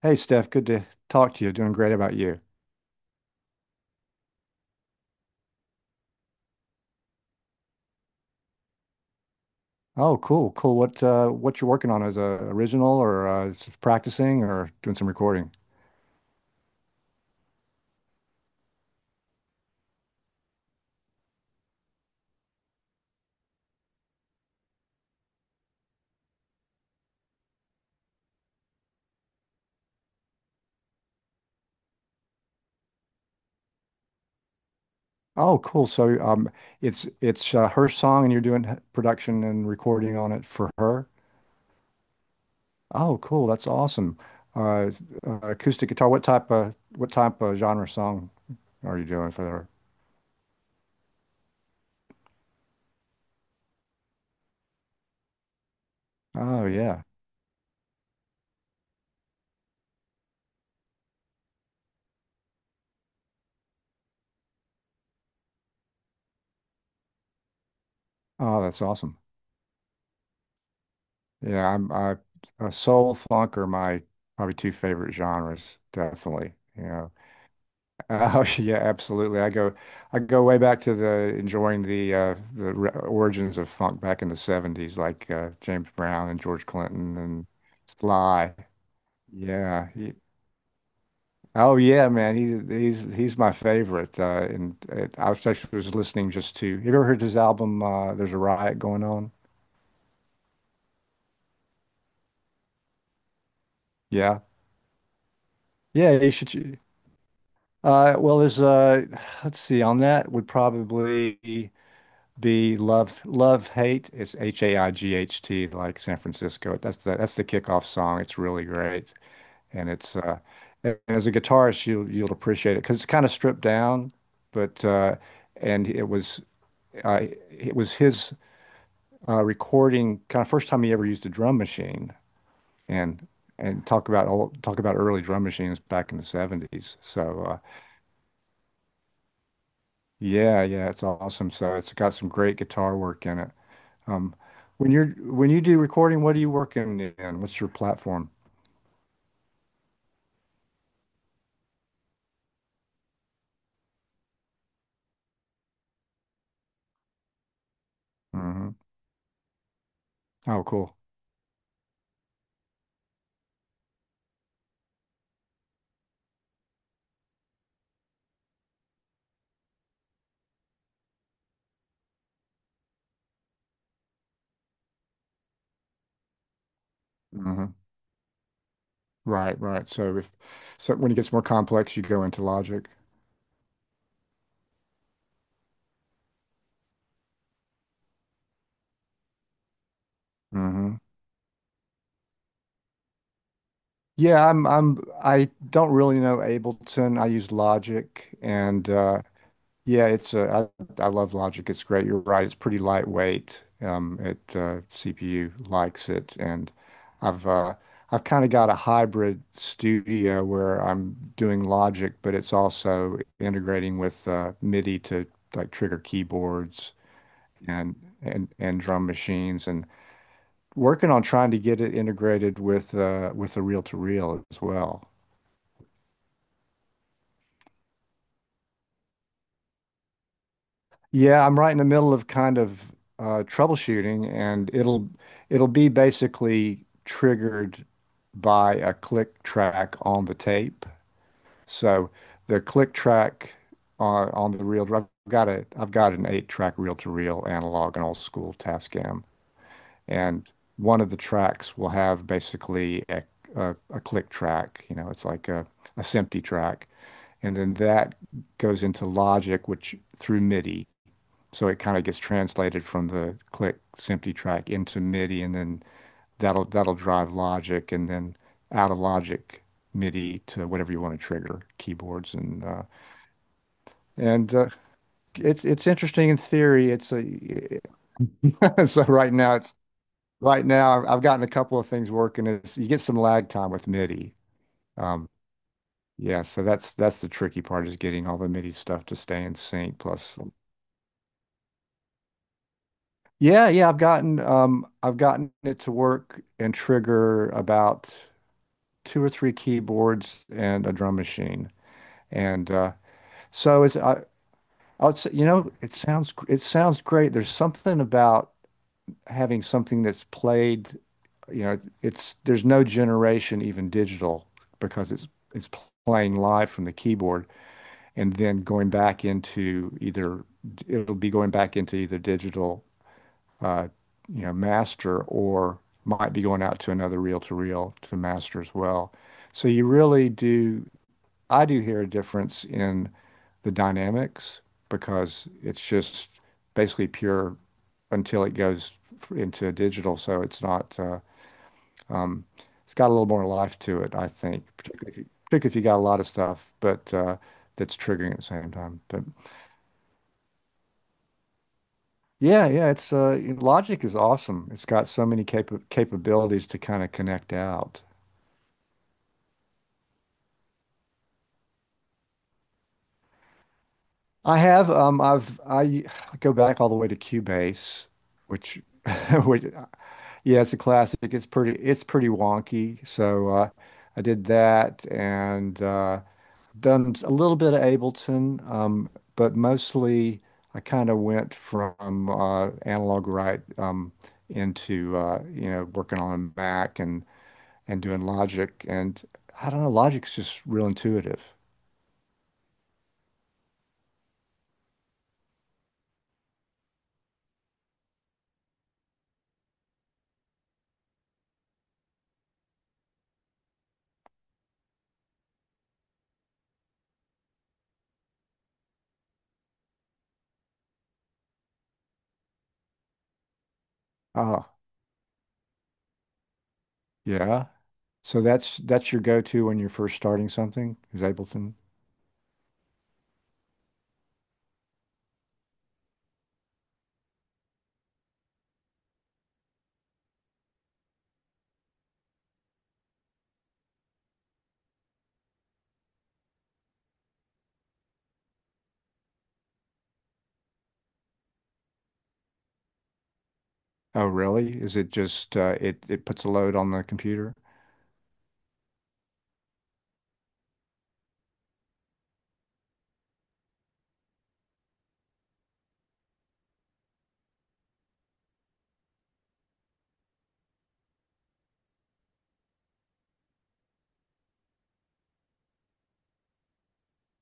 Hey Steph, good to talk to you. Doing great about you. Oh, cool, cool. What you're working on as a original or practicing or doing some recording? Oh, cool. So it's her song and you're doing production and recording on it for her. Oh, cool. That's awesome. Uh, acoustic guitar. What type of genre song are you doing for her? Oh, yeah. Oh, that's awesome. Yeah, I'm I soul funk are my probably two favorite genres, definitely. Yeah. Oh yeah, absolutely. I go way back to the enjoying the origins of funk back in the '70s, like James Brown and George Clinton and Sly. Yeah. Oh yeah, man. He's my favorite. And I was actually was listening just to. Have you ever heard his album? There's a riot going on. Yeah. Yeah. You should. Well, there's let's see. On that would probably. The Love Love Hate. It's Haight, like San Francisco. That's the kickoff song. It's really great, and it's and as a guitarist, you you'll appreciate it because it's kind of stripped down, but and it was his recording kind of first time he ever used a drum machine, and talk about early drum machines back in the '70s. So yeah, yeah, it's awesome. So it's got some great guitar work in it. Um, when you do recording, what are you working in? What's your platform? hmm Oh, cool. hmm Right, right. So if so when it gets more complex, you go into Logic. hmm Yeah, I don't really know Ableton. I use Logic, and yeah, it's I love Logic. It's great. You're right. It's pretty lightweight. It CPU likes it, and I've uh, I've kind of got a hybrid studio where I'm doing Logic, but it's also integrating with MIDI to like trigger keyboards and drum machines, and working on trying to get it integrated with the reel to reel as well. Yeah, I'm right in the middle of troubleshooting, and it'll be basically triggered by a click track on the tape. So the click track on the reel, I've got an eight track reel to reel analog an old school Tascam, and one of the tracks will have basically a click track. You know, it's like a SMPTE track, and then that goes into Logic, which through MIDI. So it kind of gets translated from the click Simply track into MIDI, and then that'll drive Logic, and then out of Logic MIDI to whatever you want to trigger keyboards and and uh, it's interesting in theory. It's a so right now it's right now I've gotten a couple of things working. Is you get some lag time with MIDI. Um, yeah, so that's the tricky part is getting all the MIDI stuff to stay in sync plus yeah, yeah, I've gotten it to work and trigger about two or three keyboards and a drum machine. And it's I'll say, you know, it sounds it sounds great. There's something about having something that's played, you know, it's there's no generation even digital because it's playing live from the keyboard and then going back into either digital uh, you know, master, or might be going out to another reel-to-reel to master as well. So you really do, I do hear a difference in the dynamics because it's just basically pure until it goes into digital. So it's not, um, it's got a little more life to it, I think, particularly if you got a lot of stuff, but that's triggering at the same time. But yeah, yeah, it's Logic is awesome. It's got so many capabilities to kind of connect out. I have I've I go back all the way to Cubase, which which yeah, it's a classic. It's pretty wonky. So I did that, and done a little bit of Ableton, but mostly I kind of went from analog right into you know working on a Mac and doing logic. And I don't know, logic's just real intuitive. Ah, yeah. So that's your go-to when you're first starting something is Ableton. Oh, really? Is it just it it puts a load on the computer?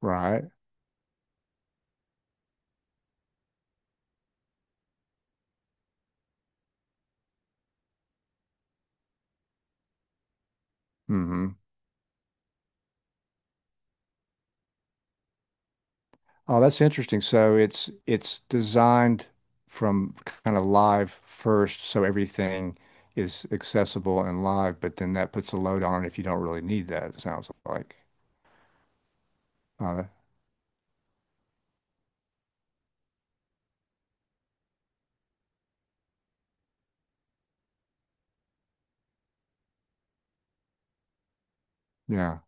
Right. hmm Oh, that's interesting. So it's designed from kind of live first, so everything is accessible and live, but then that puts a load on it if you don't really need that, it sounds like. Uh, yeah.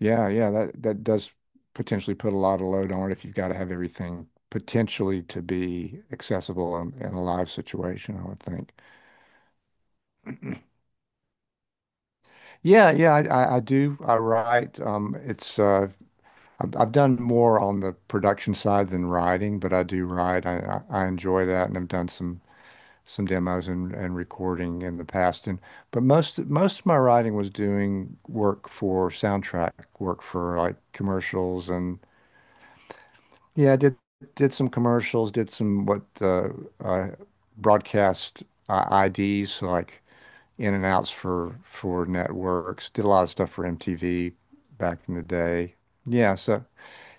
Yeah, yeah, that that does potentially put a lot of load on it if you've got to have everything potentially to be accessible in a live situation, I would think. I do. I write. It's I've done more on the production side than writing, but I do write. I enjoy that, and I've done some demos and recording in the past. And but most of my writing was doing work for soundtrack, work for like commercials and yeah, I did some commercials, did some what uh broadcast IDs, so like in and outs for networks. Did a lot of stuff for MTV back in the day. Yeah, so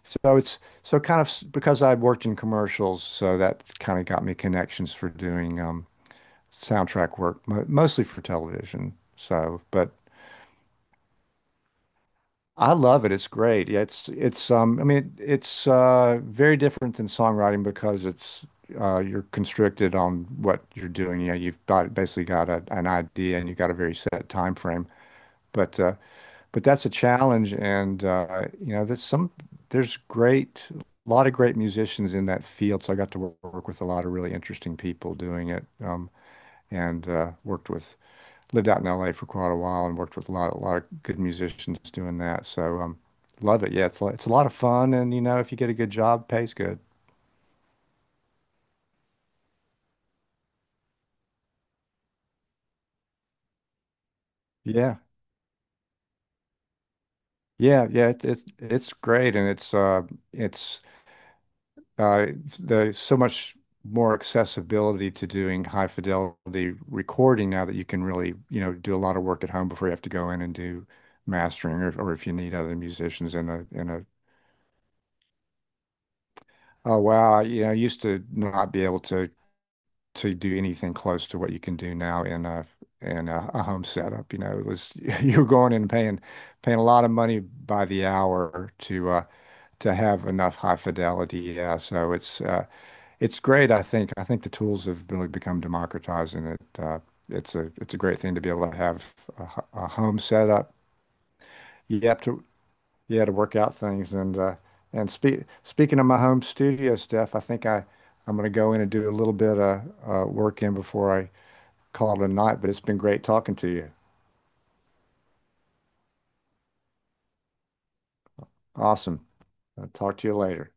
so it's so kind of s- Because I worked in commercials, so that kind of got me connections for doing soundtrack work, mo mostly for television. So, but I love it. It's great. Yeah, it's I mean it's very different than songwriting because it's you're constricted on what you're doing. You know, you've got a, an idea, and you've got a very set time frame. But uh but that's a challenge, and you know there's some there's great a lot of great musicians in that field. So I got to work with a lot of really interesting people doing it, and worked with lived out in LA for quite a while and worked with a lot of good musicians doing that. So, love it. Yeah, it's a lot of fun, and you know, if you get a good job, pays good. Yeah, it's great, and it's uh, there's so much more accessibility to doing high fidelity recording now that you can really, you know, do a lot of work at home before you have to go in and do mastering, or if you need other musicians in a. Oh wow, you know, I used to not be able to do anything close to what you can do now in a home setup. You know, it was you were going in and paying paying a lot of money by the hour to have enough high fidelity. Yeah, so it's great. I think the tools have really become democratized, and it's a great thing to be able to have a home setup. You have to you have to work out things, and speaking of my home studio stuff, I think I. I'm going to go in and do a little bit of work in before I call it a night, but it's been great talking to you. Awesome. I'll talk to you later.